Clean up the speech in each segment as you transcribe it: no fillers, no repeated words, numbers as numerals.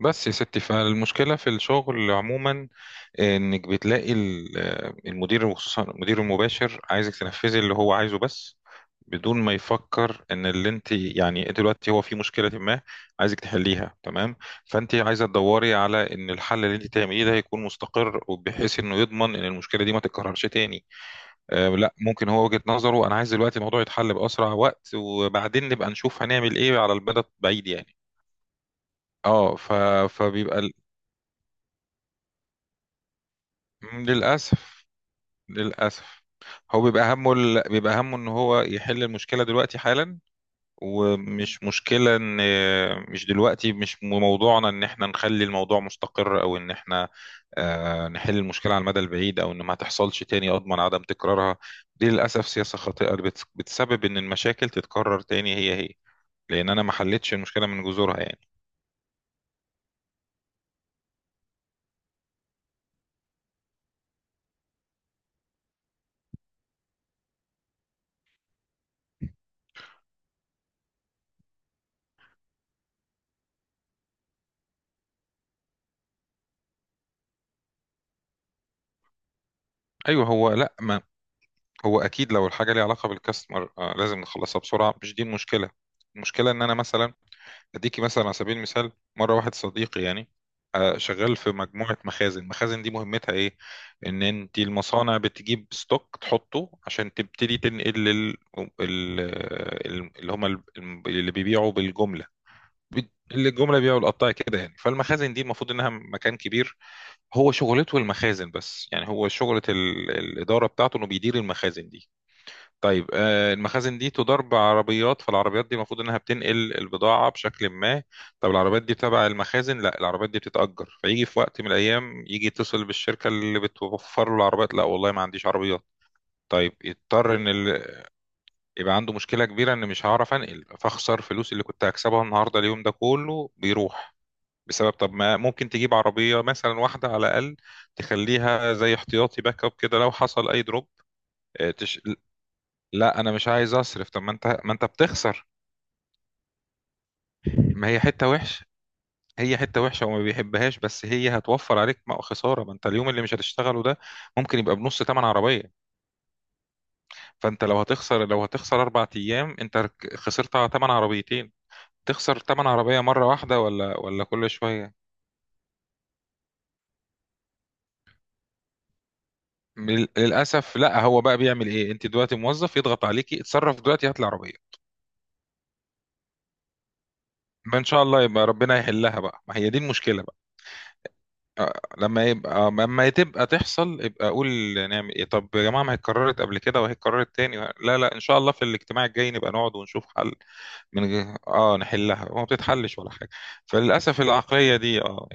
بس يا ستي، فالمشكلة في الشغل عموما انك بتلاقي المدير، وخصوصا المدير المباشر عايزك تنفذي اللي هو عايزه بس، بدون ما يفكر ان اللي انت يعني انت دلوقتي هو في مشكلة ما عايزك تحليها. تمام. فانت عايزة تدوري على ان الحل اللي انت تعمليه ده يكون مستقر، وبحيث انه يضمن ان المشكلة دي ما تتكررش تاني. آه لا، ممكن هو وجهة نظره انا عايز دلوقتي الموضوع يتحل بأسرع وقت، وبعدين نبقى نشوف هنعمل ايه على المدى البعيد يعني. اه فبيبقى، مم، للأسف. للأسف هو بيبقى همه ان هو يحل المشكلة دلوقتي حالا. ومش مشكلة ان مش دلوقتي، مش موضوعنا ان احنا نخلي الموضوع مستقر، او ان احنا نحل المشكلة على المدى البعيد، او ان ما تحصلش تاني اضمن عدم تكرارها. دي للأسف سياسة خاطئة بتسبب ان المشاكل تتكرر تاني هي، لان انا ما حلتش المشكلة من جذورها يعني. ايوه، هو لا، ما هو اكيد لو الحاجه ليها علاقه بالكاستمر، لازم نخلصها بسرعه، مش دي المشكله. المشكله ان انا مثلا اديكي مثلا على سبيل المثال، مره واحد صديقي يعني شغال في مجموعه مخازن. المخازن دي مهمتها ايه؟ ان انت المصانع بتجيب ستوك تحطه عشان تبتدي تنقل لل... ال... ال- اللي هم ال- اللي بيبيعوا بالجمله، بت- اللي الجمله بيبيعوا القطاع كده يعني. فالمخازن دي المفروض انها مكان كبير، هو شغلته المخازن بس. يعني هو شغله الاداره بتاعته انه بيدير المخازن دي. طيب، المخازن دي تدار بعربيات، فالعربيات دي المفروض انها بتنقل البضاعة بشكل ما. طب العربيات دي تبع المخازن؟ لا، العربيات دي بتتأجر. فيجي في وقت من الأيام يجي يتصل بالشركة اللي بتوفر له العربيات، لا والله ما عنديش عربيات. طيب يضطر ان يبقى عنده مشكلة كبيرة ان مش هعرف انقل، فاخسر فلوس اللي كنت هكسبها النهاردة، اليوم ده كله بيروح بسبب. طب ما ممكن تجيب عربية مثلا واحدة على الأقل، تخليها زي احتياطي باك اب كده لو حصل أي دروب. لا انا مش عايز اصرف. طب ما انت، بتخسر. ما هي حته وحشه. هي حته وحشه وما بيحبهاش، بس هي هتوفر عليك. ما خساره ما انت اليوم اللي مش هتشتغله ده ممكن يبقى بنص ثمن عربيه. فانت لو هتخسر، لو هتخسر اربع ايام انت خسرت على ثمن عربيتين. تخسر ثمن عربيه مره واحده، ولا كل شويه؟ للاسف لا، هو بقى بيعمل ايه؟ انت دلوقتي موظف، يضغط عليكي اتصرف دلوقتي هات العربيه. ما ان شاء الله يبقى ربنا يحلها بقى، ما هي دي المشكله. لما يبقى لما تبقى تحصل يبقى اقول نعمل ايه. طب يا جماعه، ما هي اتكررت قبل كده وهي اتكررت تاني. لا لا، ان شاء الله في الاجتماع الجاي نبقى نقعد ونشوف حل، من غير اه نحلها وما بتتحلش ولا حاجه. فللاسف العقليه دي اه.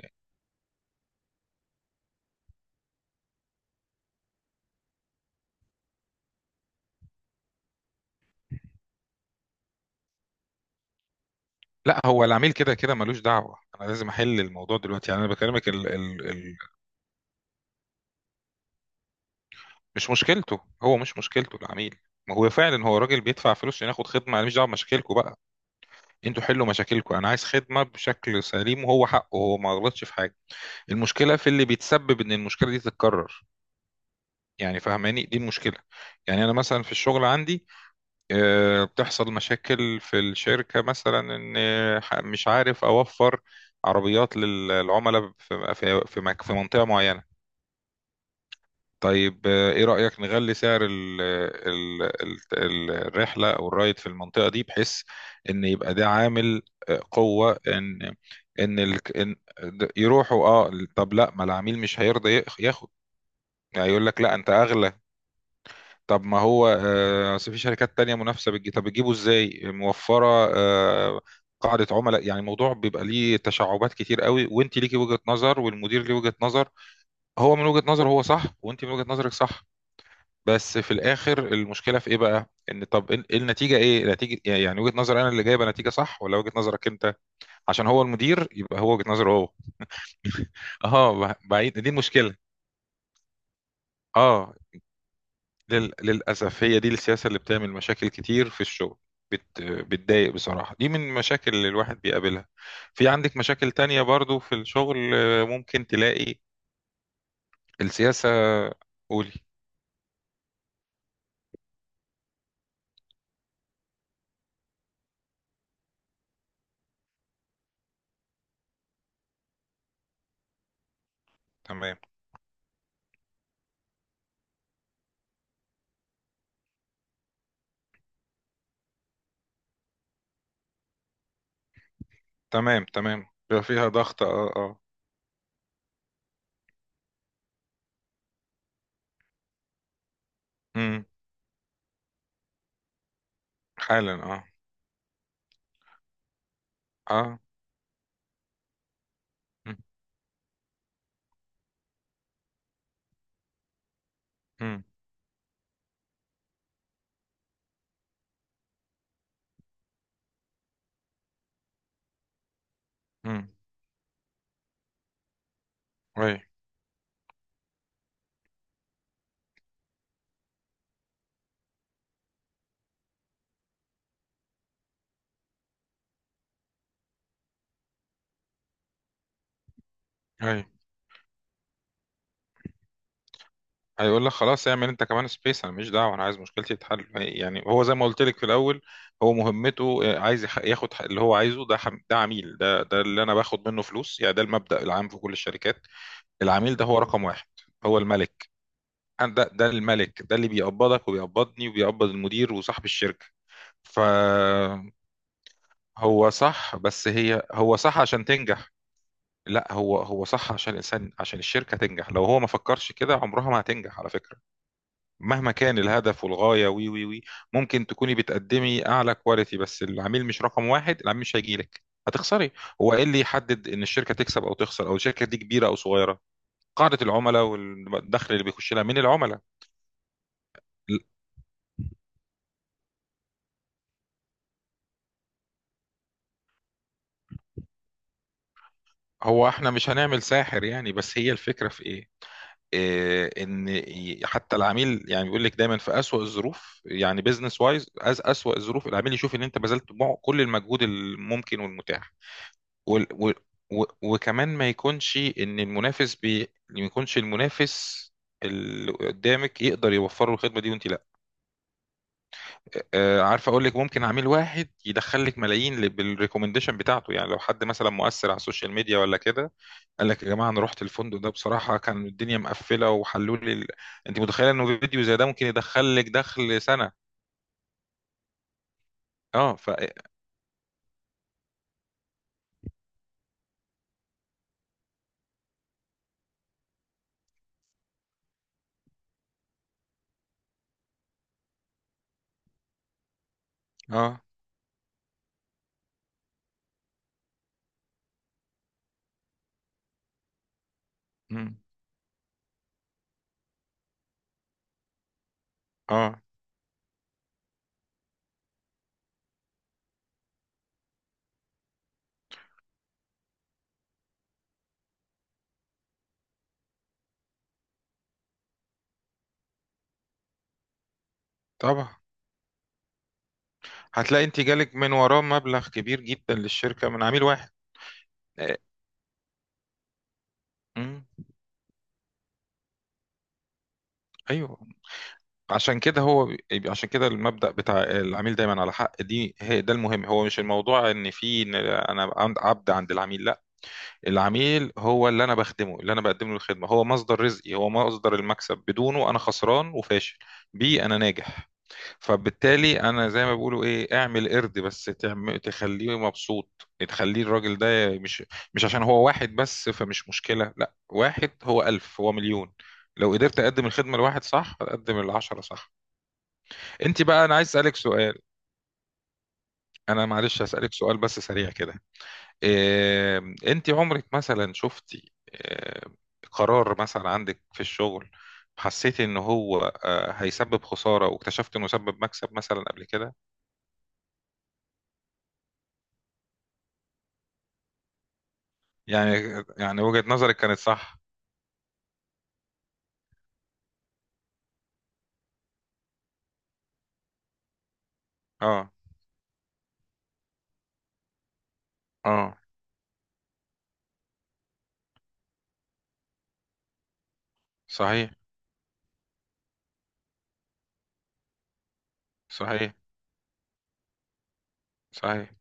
لا، هو العميل كده كده ملوش دعوه، انا لازم احل الموضوع دلوقتي يعني. انا بكلمك مش مشكلته، هو مش مشكلته العميل. ما هو فعلا هو راجل بيدفع فلوس عشان ياخد خدمه، انا مش دعوه بمشاكلكم بقى. انتوا حلوا مشاكلكم، انا عايز خدمه بشكل سليم، وهو حقه، هو ما غلطش في حاجه. المشكله في اللي بيتسبب ان المشكله دي تتكرر، يعني فهماني؟ دي المشكله. يعني انا مثلا في الشغل عندي بتحصل مشاكل في الشركه، مثلا ان مش عارف اوفر عربيات للعملاء في منطقه معينه. طيب ايه رايك نغلي سعر الرحله او الرايد في المنطقه دي، بحيث ان يبقى ده عامل قوه ان ان ال- إن- يروحوا. اه طب لا، ما العميل مش هيرضى ياخد، هيقول لك لا انت اغلى. طب ما هو أصل في شركات تانية منافسة بتجي، طب بتجيبه ازاي موفرة آه، قاعدة عملاء؟ يعني الموضوع بيبقى ليه تشعبات كتير قوي، وانت ليكي وجهة نظر والمدير ليه وجهة نظر. هو من وجهة نظره هو صح، وانت من وجهة نظرك صح، بس في الاخر المشكلة في ايه بقى؟ ان طب النتيجة ايه؟ نتيجة إيه؟ يعني وجهة نظر انا اللي جايبة نتيجة صح، ولا وجهة نظرك انت؟ عشان هو المدير يبقى هو وجهة نظره هو. اه، بعيد دي المشكلة. اه، للأسف هي دي السياسة اللي بتعمل مشاكل كتير في الشغل. بتضايق بصراحة. دي من المشاكل اللي الواحد بيقابلها. في عندك مشاكل تانية برضو في الشغل؟ ممكن تلاقي السياسة. قولي. تمام. تمام تمام، بيبقى فيها ضغط اه اه. امم. حالا اه. اه. امم. امم. اي. هيقول لك خلاص اعمل انت كمان سبيس، انا مش دعوه، انا عايز مشكلتي تتحل. يعني هو زي ما قلت لك في الاول، هو مهمته عايز ياخد اللي هو عايزه ده ده عميل، ده اللي انا باخد منه فلوس. يعني ده المبدأ العام في كل الشركات، العميل ده هو رقم واحد، هو الملك. أنا ده الملك، ده اللي بيقبضك وبيقبضني وبيقبض المدير وصاحب الشركه. فهو صح. بس هي هو صح عشان تنجح. لا، هو هو صح عشان الانسان، عشان الشركه تنجح، لو هو ما فكرش كده عمرها ما هتنجح على فكره، مهما كان الهدف والغاية، وي وي وي ممكن تكوني بتقدمي أعلى كواليتي، بس العميل مش رقم واحد، العميل مش هيجيلك، هتخسري. هو إيه اللي يحدد إن الشركة تكسب أو تخسر، أو الشركة دي كبيرة أو صغيرة؟ قاعدة العملاء والدخل اللي بيخش لها من العملاء. هو إحنا مش هنعمل ساحر يعني، بس هي الفكرة في إيه؟ ان حتى العميل يعني بيقول لك دايما في اسوأ الظروف، يعني بيزنس وايز، أز اسوأ الظروف العميل يشوف ان انت بذلت كل المجهود الممكن والمتاح، وال- و- و- وكمان ما يكونش ان ما يكونش المنافس اللي قدامك يقدر يوفر له الخدمه دي وانت لا. عارف اقول لك، ممكن عميل واحد يدخل لك ملايين بالريكومنديشن بتاعته، يعني لو حد مثلا مؤثر على السوشيال ميديا ولا كده، قال لك يا جماعه انا رحت الفندق ده بصراحه كان الدنيا مقفله وحلوا لي انت متخيله انه فيديو زي ده ممكن يدخل لك دخل سنه؟ اه ف. اه. مم. اه طبعا. هتلاقي انت جالك من وراه مبلغ كبير جدا للشركه من عميل واحد. مم. ايوه. عشان كده هو عشان كده المبدأ بتاع العميل دايما على حق، دي هي، ده المهم. هو مش الموضوع ان في إن انا عند- عبد عند العميل، لا، العميل هو اللي انا بخدمه، اللي انا بقدم له الخدمه، هو مصدر رزقي، هو مصدر المكسب، بدونه انا خسران وفاشل، بيه انا ناجح. فبالتالي انا زي ما بيقولوا ايه، اعمل قرد بس تخليه مبسوط، تخليه الراجل ده، مش مش عشان هو واحد بس فمش مشكلة، لا واحد هو ألف هو مليون. لو قدرت اقدم الخدمة لواحد صح، اقدم العشرة صح. انت بقى، انا عايز اسألك سؤال. انا معلش هسألك سؤال بس سريع كده. إيه، انت عمرك مثلا شفتي إيه قرار مثلا عندك في الشغل، حسيتي ان هو هيسبب خسارة، واكتشفت انه سبب مكسب مثلا قبل كده؟ يعني وجهة نظرك كانت صح. اه اه، صحيح. صحيح. صحيح.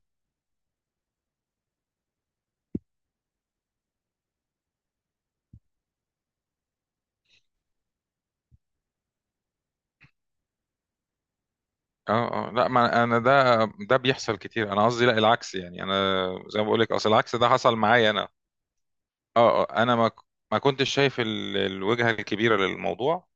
اه اه، لا ما انا، ده بيحصل كتير، انا قصدي لا العكس. يعني انا زي ما بقول لك، اصل العكس ده حصل معايا انا. اه اه، انا ما كنتش شايف الوجهة الكبيرة للموضوع.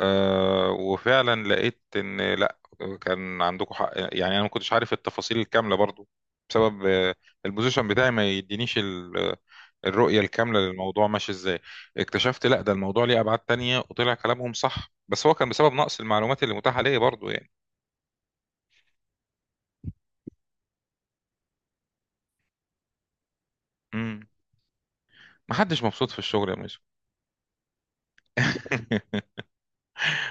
آه، وفعلا لقيت ان لا، كان عندكم حق يعني. انا ما كنتش عارف التفاصيل الكامله برضو، بسبب البوزيشن بتاعي ما يدينيش الرؤيه الكامله للموضوع ماشي ازاي. اكتشفت لا، ده الموضوع ليه ابعاد تانية وطلع كلامهم صح، بس هو كان بسبب نقص المعلومات اللي متاحه ليا برضو يعني. امم. محدش مبسوط في الشغل يا ميسو.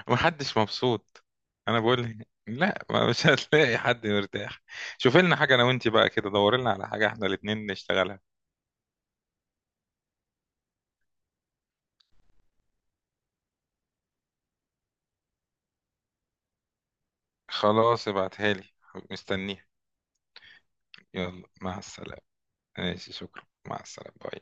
محدش مبسوط. انا بقول لك لا، ما مش هتلاقي حد مرتاح. شوف لنا حاجه انا وانت بقى كده، دور لنا على حاجه احنا الاتنين نشتغلها. خلاص ابعتها لي، مستنيها. يلا مع السلامة. ماشي شكرا، مع السلامة، باي.